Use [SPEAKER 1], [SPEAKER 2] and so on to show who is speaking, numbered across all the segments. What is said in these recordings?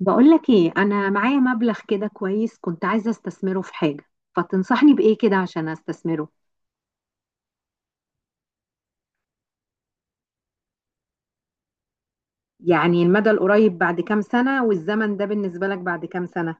[SPEAKER 1] بقولك ايه، انا معايا مبلغ كده كويس، كنت عايزة استثمره في حاجة، فتنصحني بايه كده عشان استثمره؟ يعني المدى القريب بعد كام سنة؟ والزمن ده بالنسبة لك بعد كام سنة؟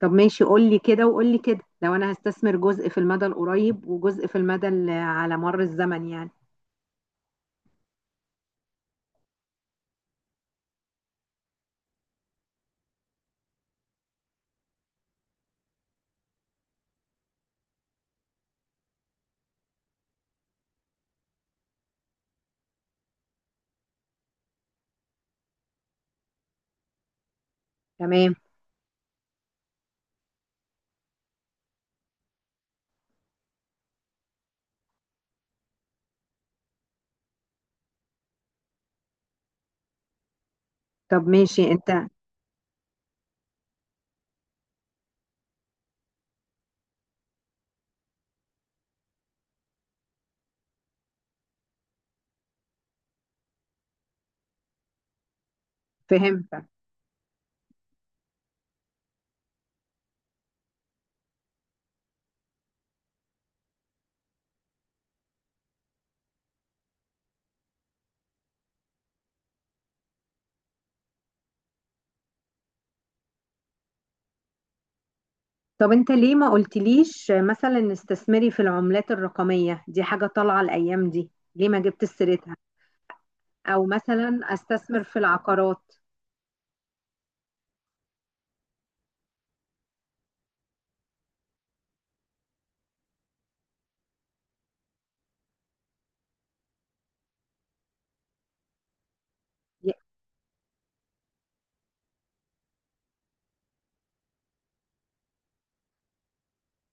[SPEAKER 1] طب ماشي، قولي كده وقولي كده، لو انا هستثمر جزء في المدى القريب وجزء في المدى على مر الزمن يعني. تمام. طب ماشي انت. فهمت. طب انت ليه ما قلتليش مثلا استثمري في العملات الرقمية؟ دي حاجة طالعة الايام دي، ليه ما جبت سيرتها؟ او مثلا استثمر في العقارات.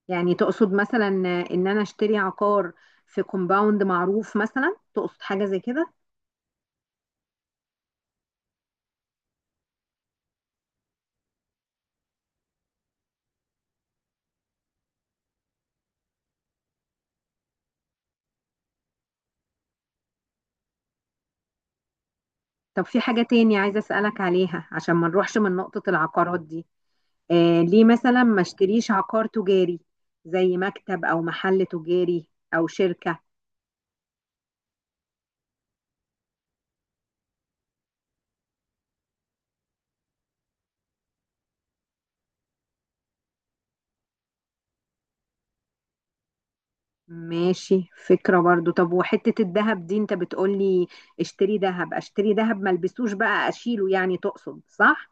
[SPEAKER 1] يعني تقصد مثلا ان انا اشتري عقار في كومباوند معروف مثلا؟ تقصد حاجة زي كده؟ طب في حاجة تاني عايزة اسألك عليها عشان ما نروحش من نقطة العقارات دي. آه، ليه مثلا ما اشتريش عقار تجاري؟ زي مكتب او محل تجاري، او شركة. ماشي، فكرة برضو. طب وحتة الذهب دي، انت بتقولي اشتري ذهب اشتري ذهب، ما البسوش بقى اشيله يعني، تقصد صح؟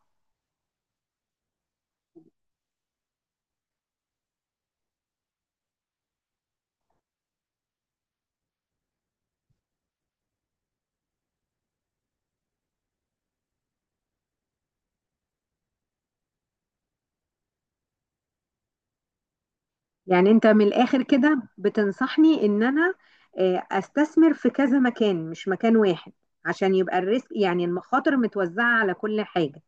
[SPEAKER 1] يعني انت من الاخر كده بتنصحني ان انا استثمر في كذا مكان، مش مكان واحد، عشان يبقى الريسك، يعني المخاطر، متوزعة على كل حاجة.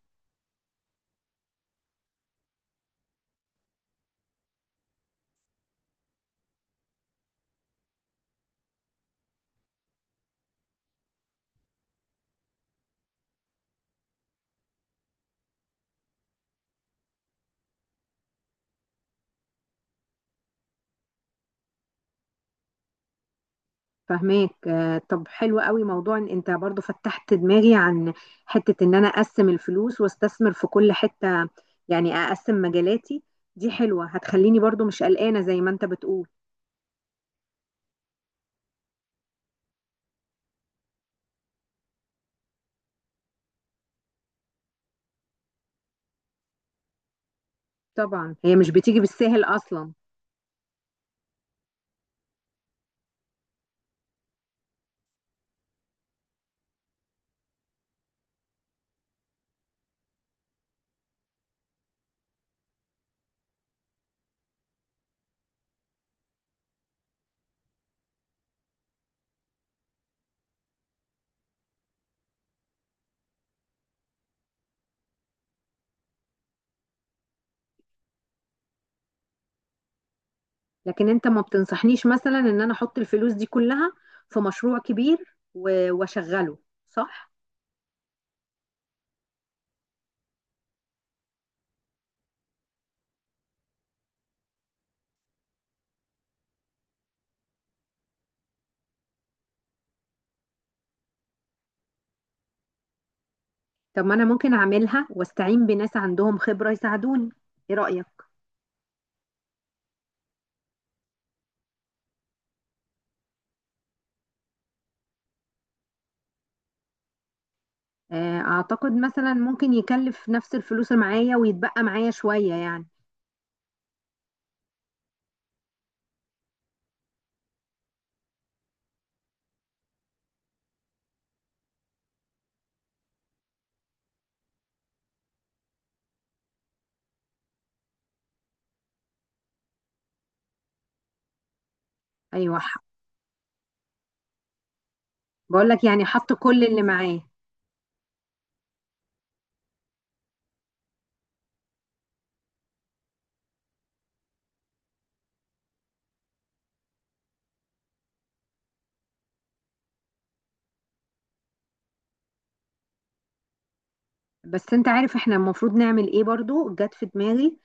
[SPEAKER 1] فهماك آه، طب حلو قوي موضوع ان انت برضو فتحت دماغي عن حتة ان انا اقسم الفلوس واستثمر في كل حتة، يعني اقسم مجالاتي، دي حلوة هتخليني برضو مش قلقانة زي ما انت بتقول. طبعا هي مش بتيجي بالساهل اصلا. لكن انت ما بتنصحنيش مثلا ان انا احط الفلوس دي كلها في مشروع كبير واشغله، صح؟ طب ما انا ممكن اعملها واستعين بناس عندهم خبرة يساعدوني، ايه رأيك؟ آه، اعتقد مثلا ممكن يكلف نفس الفلوس اللي معايا ويتبقى معايا شوية يعني. ايوه، بقول لك يعني حط كل اللي معايا. بس انت عارف احنا المفروض نعمل ايه؟ برضو جت في دماغي،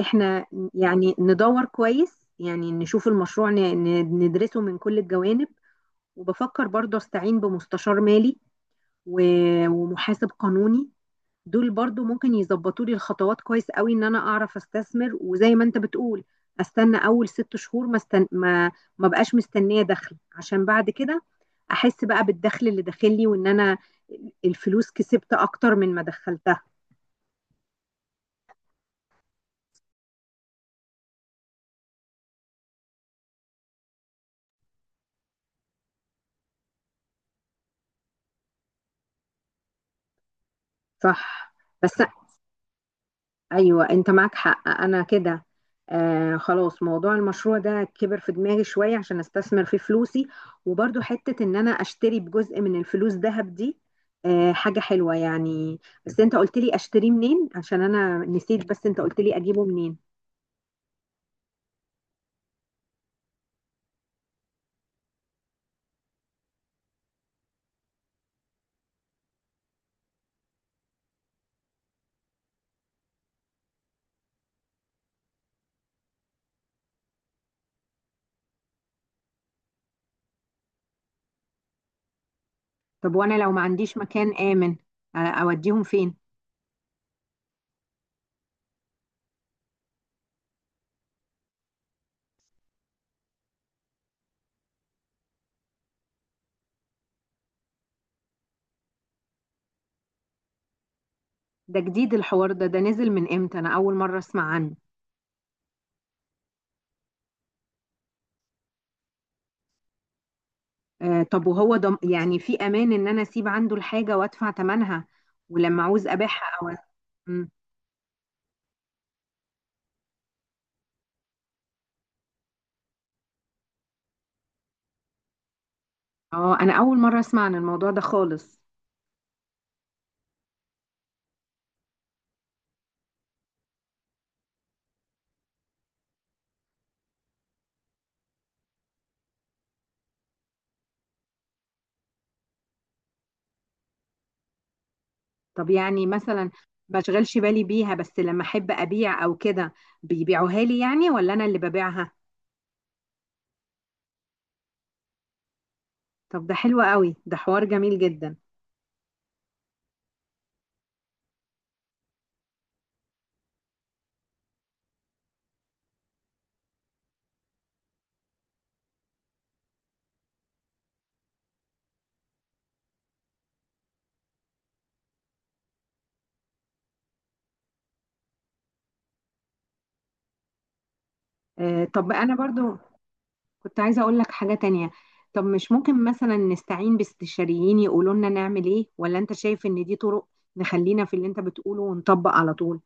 [SPEAKER 1] احنا يعني ندور كويس، يعني نشوف المشروع ندرسه من كل الجوانب، وبفكر برضو استعين بمستشار مالي ومحاسب قانوني، دول برضو ممكن يظبطوا لي الخطوات كويس قوي ان انا اعرف استثمر، وزي ما انت بتقول استنى اول 6 شهور، ما استن... ما ما بقاش مستنيه دخل، عشان بعد كده احس بقى بالدخل اللي داخل لي، وان انا الفلوس كسبت اكتر من ما دخلتها. صح. بس، ايوه انت معاك حق انا كده. آه خلاص، موضوع المشروع ده كبر في دماغي شويه عشان استثمر فيه فلوسي، وبرضو حته ان انا اشتري بجزء من الفلوس ذهب دي، آه حاجه حلوه يعني. بس انت قلت لي اشتريه منين عشان انا نسيت، بس انت قلت لي اجيبه منين؟ طب وانا لو ما عنديش مكان امن اوديهم فين؟ ده جديد الحوار ده نزل من امتى؟ انا اول مره اسمع عنه. آه طب، وهو ضم يعني في امان ان انا اسيب عنده الحاجه وادفع ثمنها، ولما عاوز ابيعها او... اه انا اول مره اسمع عن الموضوع ده خالص. طب يعني مثلا ما اشغلش بالي بيها، بس لما احب ابيع او كده بيبيعوها لي يعني، ولا انا اللي ببيعها؟ طب ده حلو قوي، ده حوار جميل جدا. آه طب، انا برضو كنت عايزه اقول لك حاجه تانية، طب مش ممكن مثلا نستعين باستشاريين يقولوا لنا نعمل ايه؟ ولا انت شايف ان دي طرق نخلينا في اللي انت بتقوله ونطبق على طول؟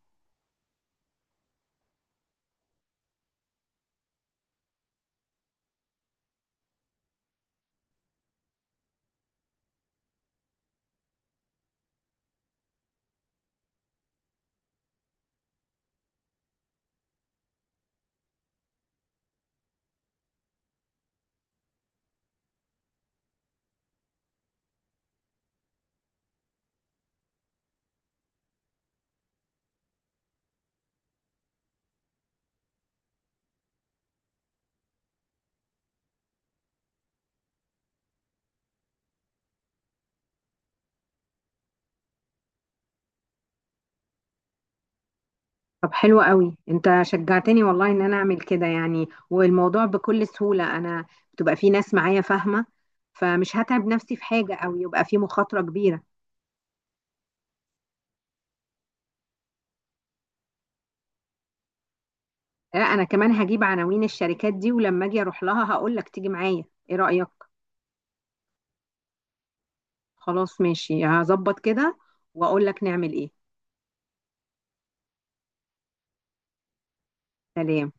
[SPEAKER 1] طب حلو قوي، انت شجعتني والله ان انا اعمل كده يعني، والموضوع بكل سهولة، انا بتبقى في ناس معايا فاهمة، فمش هتعب نفسي في حاجة او يبقى في مخاطرة كبيرة. لا انا كمان هجيب عناوين الشركات دي، ولما اجي اروح لها هقول لك تيجي معايا، ايه رأيك؟ خلاص ماشي، هظبط كده واقول لك نعمل ايه. سلام.